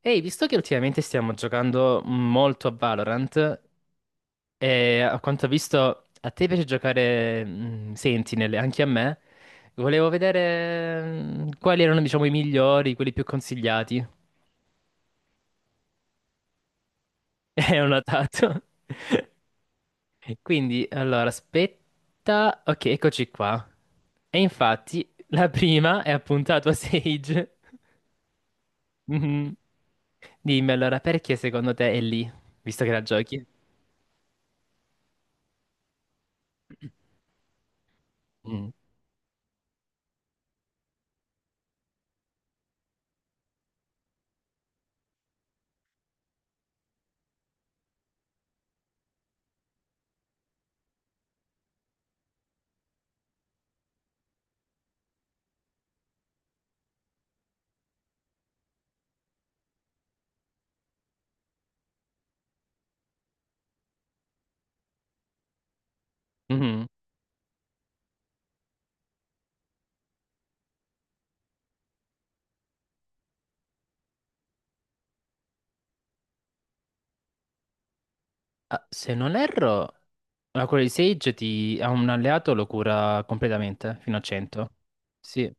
Ehi, visto che ultimamente stiamo giocando molto a Valorant, e a quanto ho visto a te piace giocare Sentinel, e anche a me, volevo vedere quali erano, diciamo, i migliori, quelli più consigliati. E ho notato. Quindi, allora, aspetta. Ok, eccoci qua. E infatti, la prima è appunto la tua Sage. Mhm. Dimmi allora, perché secondo te è lì, visto che la giochi? Mm. Mhm. Ah, se non erro, la cura di Sage a un alleato lo cura completamente, fino a 100. Sì.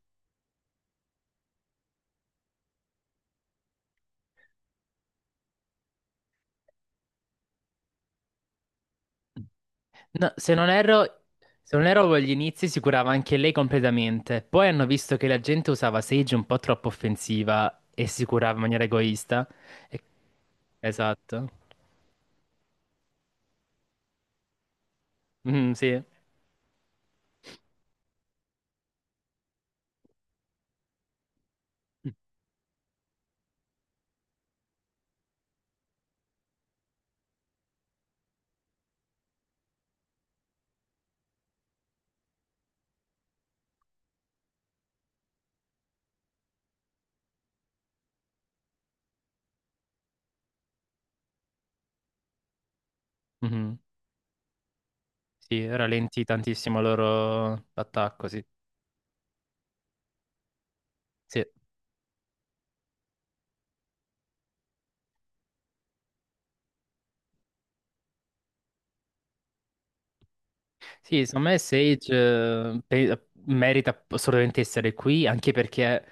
No, se non erro, agli inizi si curava anche lei completamente. Poi hanno visto che la gente usava Sage un po' troppo offensiva e si curava in maniera egoista. E- Esatto. Mhm, sì. Mhm. Sì, rallentì tantissimo il loro attacco, sì. Sì. Sì, secondo me Sage merita assolutamente essere qui, anche perché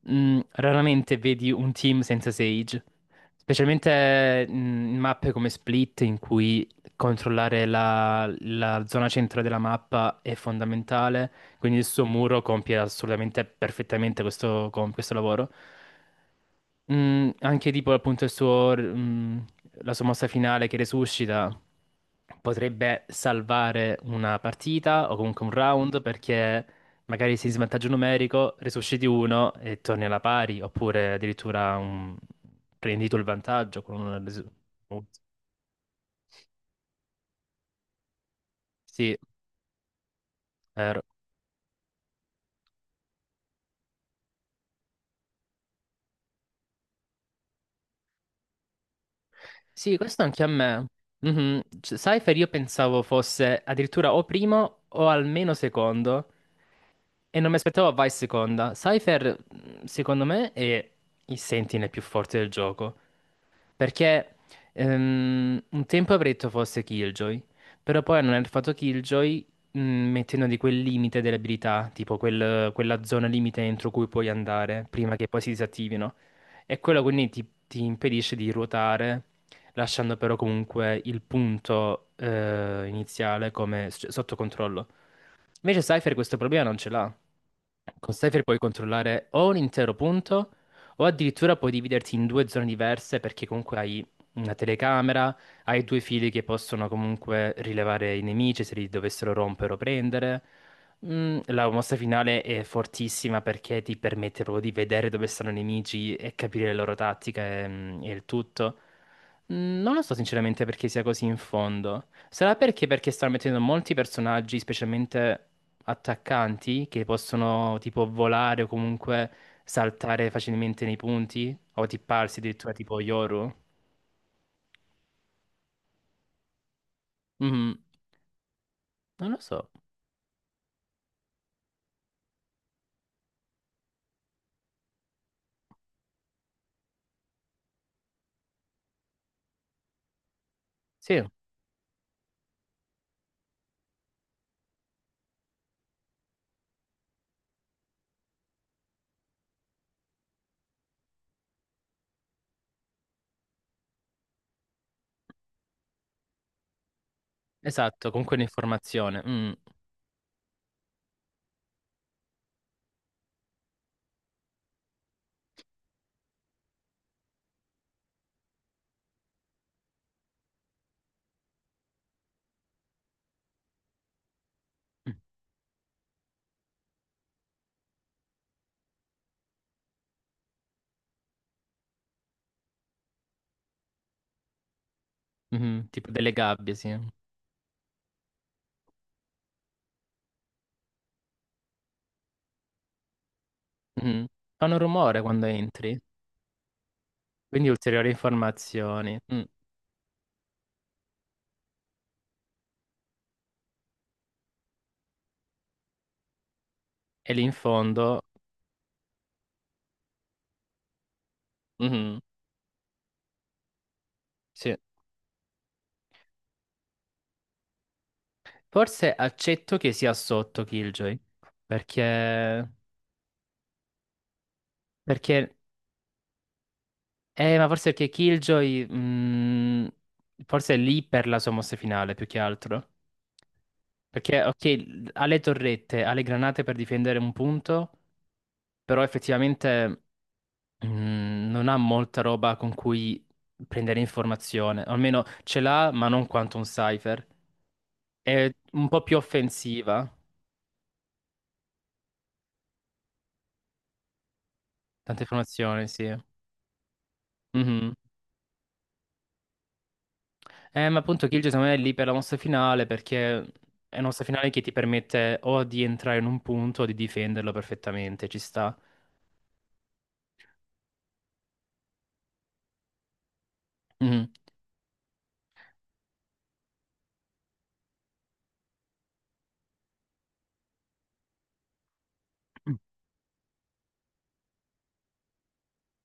raramente vedi un team senza Sage, specialmente in mappe come Split, in cui controllare la zona centrale della mappa è fondamentale, quindi il suo muro compie assolutamente perfettamente questo lavoro. Anche tipo appunto la sua mossa finale che resuscita potrebbe salvare una partita o comunque un round perché magari sei in svantaggio numerico, resusciti uno e torni alla pari, oppure addirittura prendi tu il vantaggio con una resu-. Sì, vero. Sì, questo anche a me. Mhm. Cypher io pensavo fosse addirittura o primo o almeno secondo e non mi aspettavo vai seconda. Cypher, secondo me, è il Sentinel più forte del gioco. Perché un tempo avrei detto fosse Killjoy, però poi hanno nerfato Killjoy mettendo di quel limite delle abilità, tipo quella zona limite entro cui puoi andare prima che poi si disattivino. E quello quindi ti impedisce di ruotare lasciando però comunque il punto iniziale come cioè, sotto controllo. Invece Cypher questo problema non ce l'ha. Con Cypher puoi controllare o un intero punto o addirittura puoi dividerti in due zone diverse perché comunque hai una telecamera, hai due fili che possono comunque rilevare i nemici se li dovessero rompere o prendere. La mossa finale è fortissima perché ti permette proprio di vedere dove stanno i nemici e capire le loro tattiche e, il tutto. Non lo so sinceramente perché sia così in fondo. Sarà perché stanno mettendo molti personaggi, specialmente attaccanti che possono tipo volare o comunque saltare facilmente nei punti o tipparsi addirittura tipo Yoru. Mhm. Non lo so. Sì, esatto, con quell'informazione. Mm. Mhm, tipo delle gabbie, sì. Mhm. Fanno rumore quando entri, quindi ulteriori informazioni. Mm. E lì in fondo. Mhm, sì. Forse accetto che sia sotto Killjoy. Perché... Perché Eh, ma forse perché Killjoy, forse è lì per la sua mossa finale, più che altro. Perché, ok, ha le torrette, ha le granate per difendere un punto, però effettivamente, non ha molta roba con cui prendere informazione. O almeno ce l'ha, ma non quanto un Cypher. È un po' più offensiva. Tante informazioni, sì. Mhm. Ma appunto Kill secondo me è lì per la mossa finale perché è una mossa finale che ti permette o di entrare in un punto o di difenderlo perfettamente, ci sta. Mhm.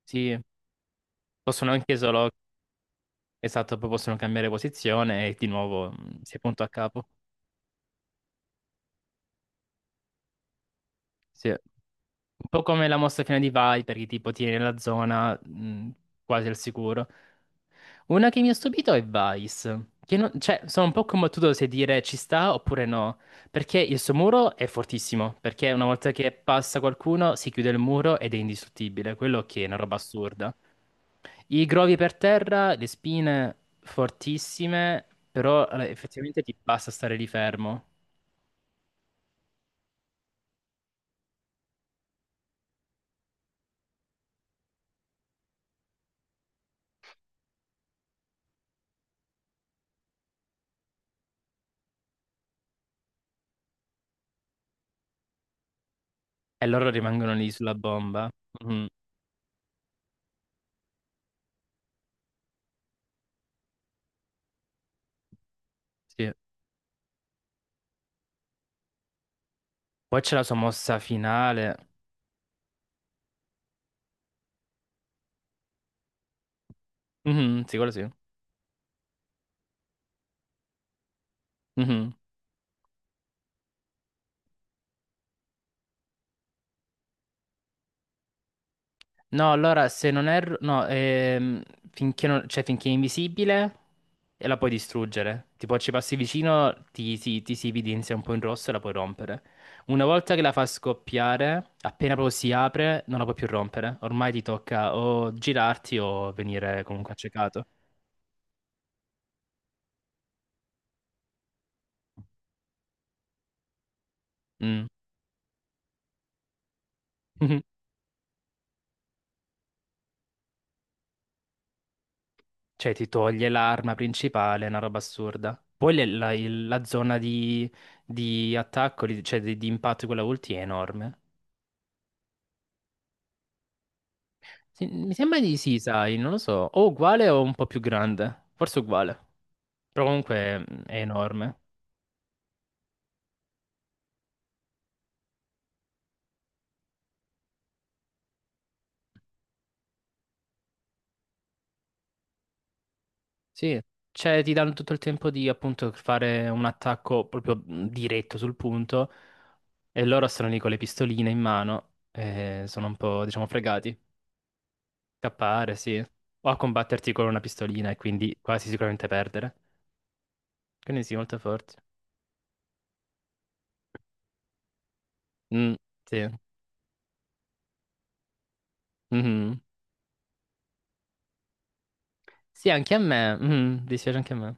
Sì, possono anche solo, esatto, poi possono cambiare posizione e di nuovo si è punto a capo. Sì. Un po' come la mossa finale di Viper, che tipo tiene la zona quasi al sicuro. Una che mi ha stupito è Vice. Che cioè, sono un po' combattuto se dire ci sta oppure no. Perché il suo muro è fortissimo. Perché una volta che passa qualcuno si chiude il muro ed è indistruttibile. Quello che è una roba assurda. I grovi per terra, le spine fortissime, però effettivamente ti basta stare lì fermo. E loro rimangono lì sulla bomba. Mhm, sì. Poi c'è la sua mossa finale. Mhm, sì, quello sì. Mhm. No, allora se non erro. No, finché, cioè, finché è invisibile e la puoi distruggere. Tipo, ci passi vicino, ti si evidenzia un po' in rosso e la puoi rompere. Una volta che la fa scoppiare, appena proprio si apre, non la puoi più rompere. Ormai ti tocca o girarti o venire comunque accecato. Mm. Cioè, ti toglie l'arma principale, è una roba assurda. Poi la zona di attacco, cioè di impatto di quella ulti è enorme. Sì, mi sembra di sì, sai, non lo so. O uguale o un po' più grande. Forse uguale. Però comunque è enorme. Sì. Cioè, ti danno tutto il tempo di appunto fare un attacco proprio diretto sul punto. E loro sono lì con le pistoline in mano. E sono un po', diciamo, fregati. Scappare, sì. O a combatterti con una pistolina e quindi quasi sicuramente perdere. Quindi sì, molto forte. Mm, sì. Mhm. Sì, anche a me. Mhm, dispiace anche a me.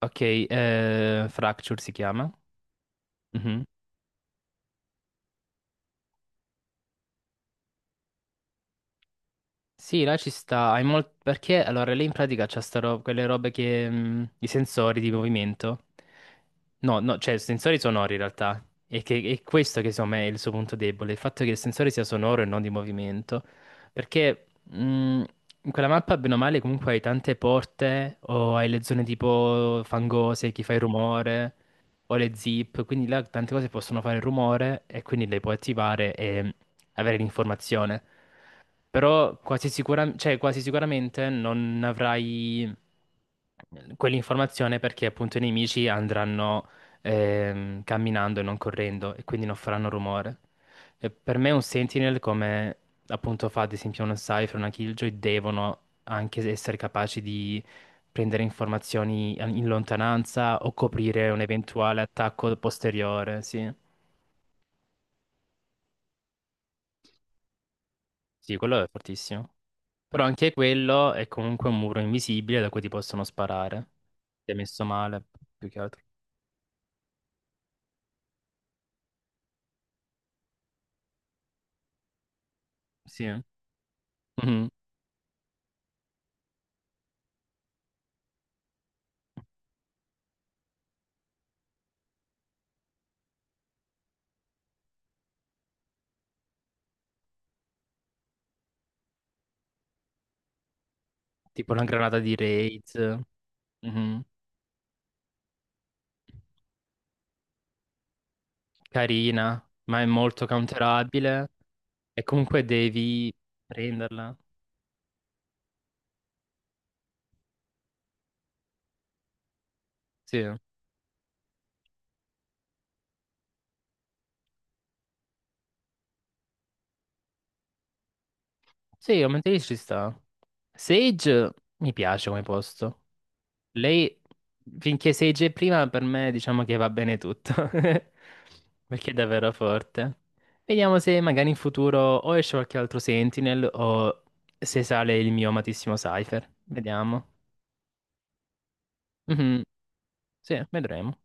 Ok, Fracture si chiama. Mhm. Sì, là ci sta, perché allora lei in pratica c'ha quelle robe che i sensori di movimento. No, no, cioè sensori sonori in realtà. E che è questo che secondo me è il suo punto debole, il fatto che il sensore sia sonoro e non di movimento. Perché in quella mappa, bene o male, comunque hai tante porte o hai le zone tipo fangose, chi fa il rumore, o le zip, quindi là tante cose possono fare il rumore e quindi le puoi attivare e avere l'informazione. Però quasi cioè, quasi sicuramente non avrai quell'informazione perché appunto i nemici andranno camminando e non correndo e quindi non faranno rumore. E per me un Sentinel, come appunto fa ad esempio uno Cypher, una Killjoy, devono anche essere capaci di prendere informazioni in lontananza o coprire un eventuale attacco posteriore, sì. Sì, quello è fortissimo. Però anche quello è comunque un muro invisibile da cui ti possono sparare. Ti è messo male, più che altro. Sì. Mhm. Tipo una granata di raid. Mhm. Carina, ma è molto counterabile. E comunque devi prenderla. Sì. Sì, aumenta di ci sta. Sage mi piace come posto. Lei, finché 6G prima, per me diciamo che va bene tutto, perché è davvero forte. Vediamo se magari in futuro o esce qualche altro Sentinel o se sale il mio amatissimo Cypher. Vediamo. Mhm, sì, vedremo.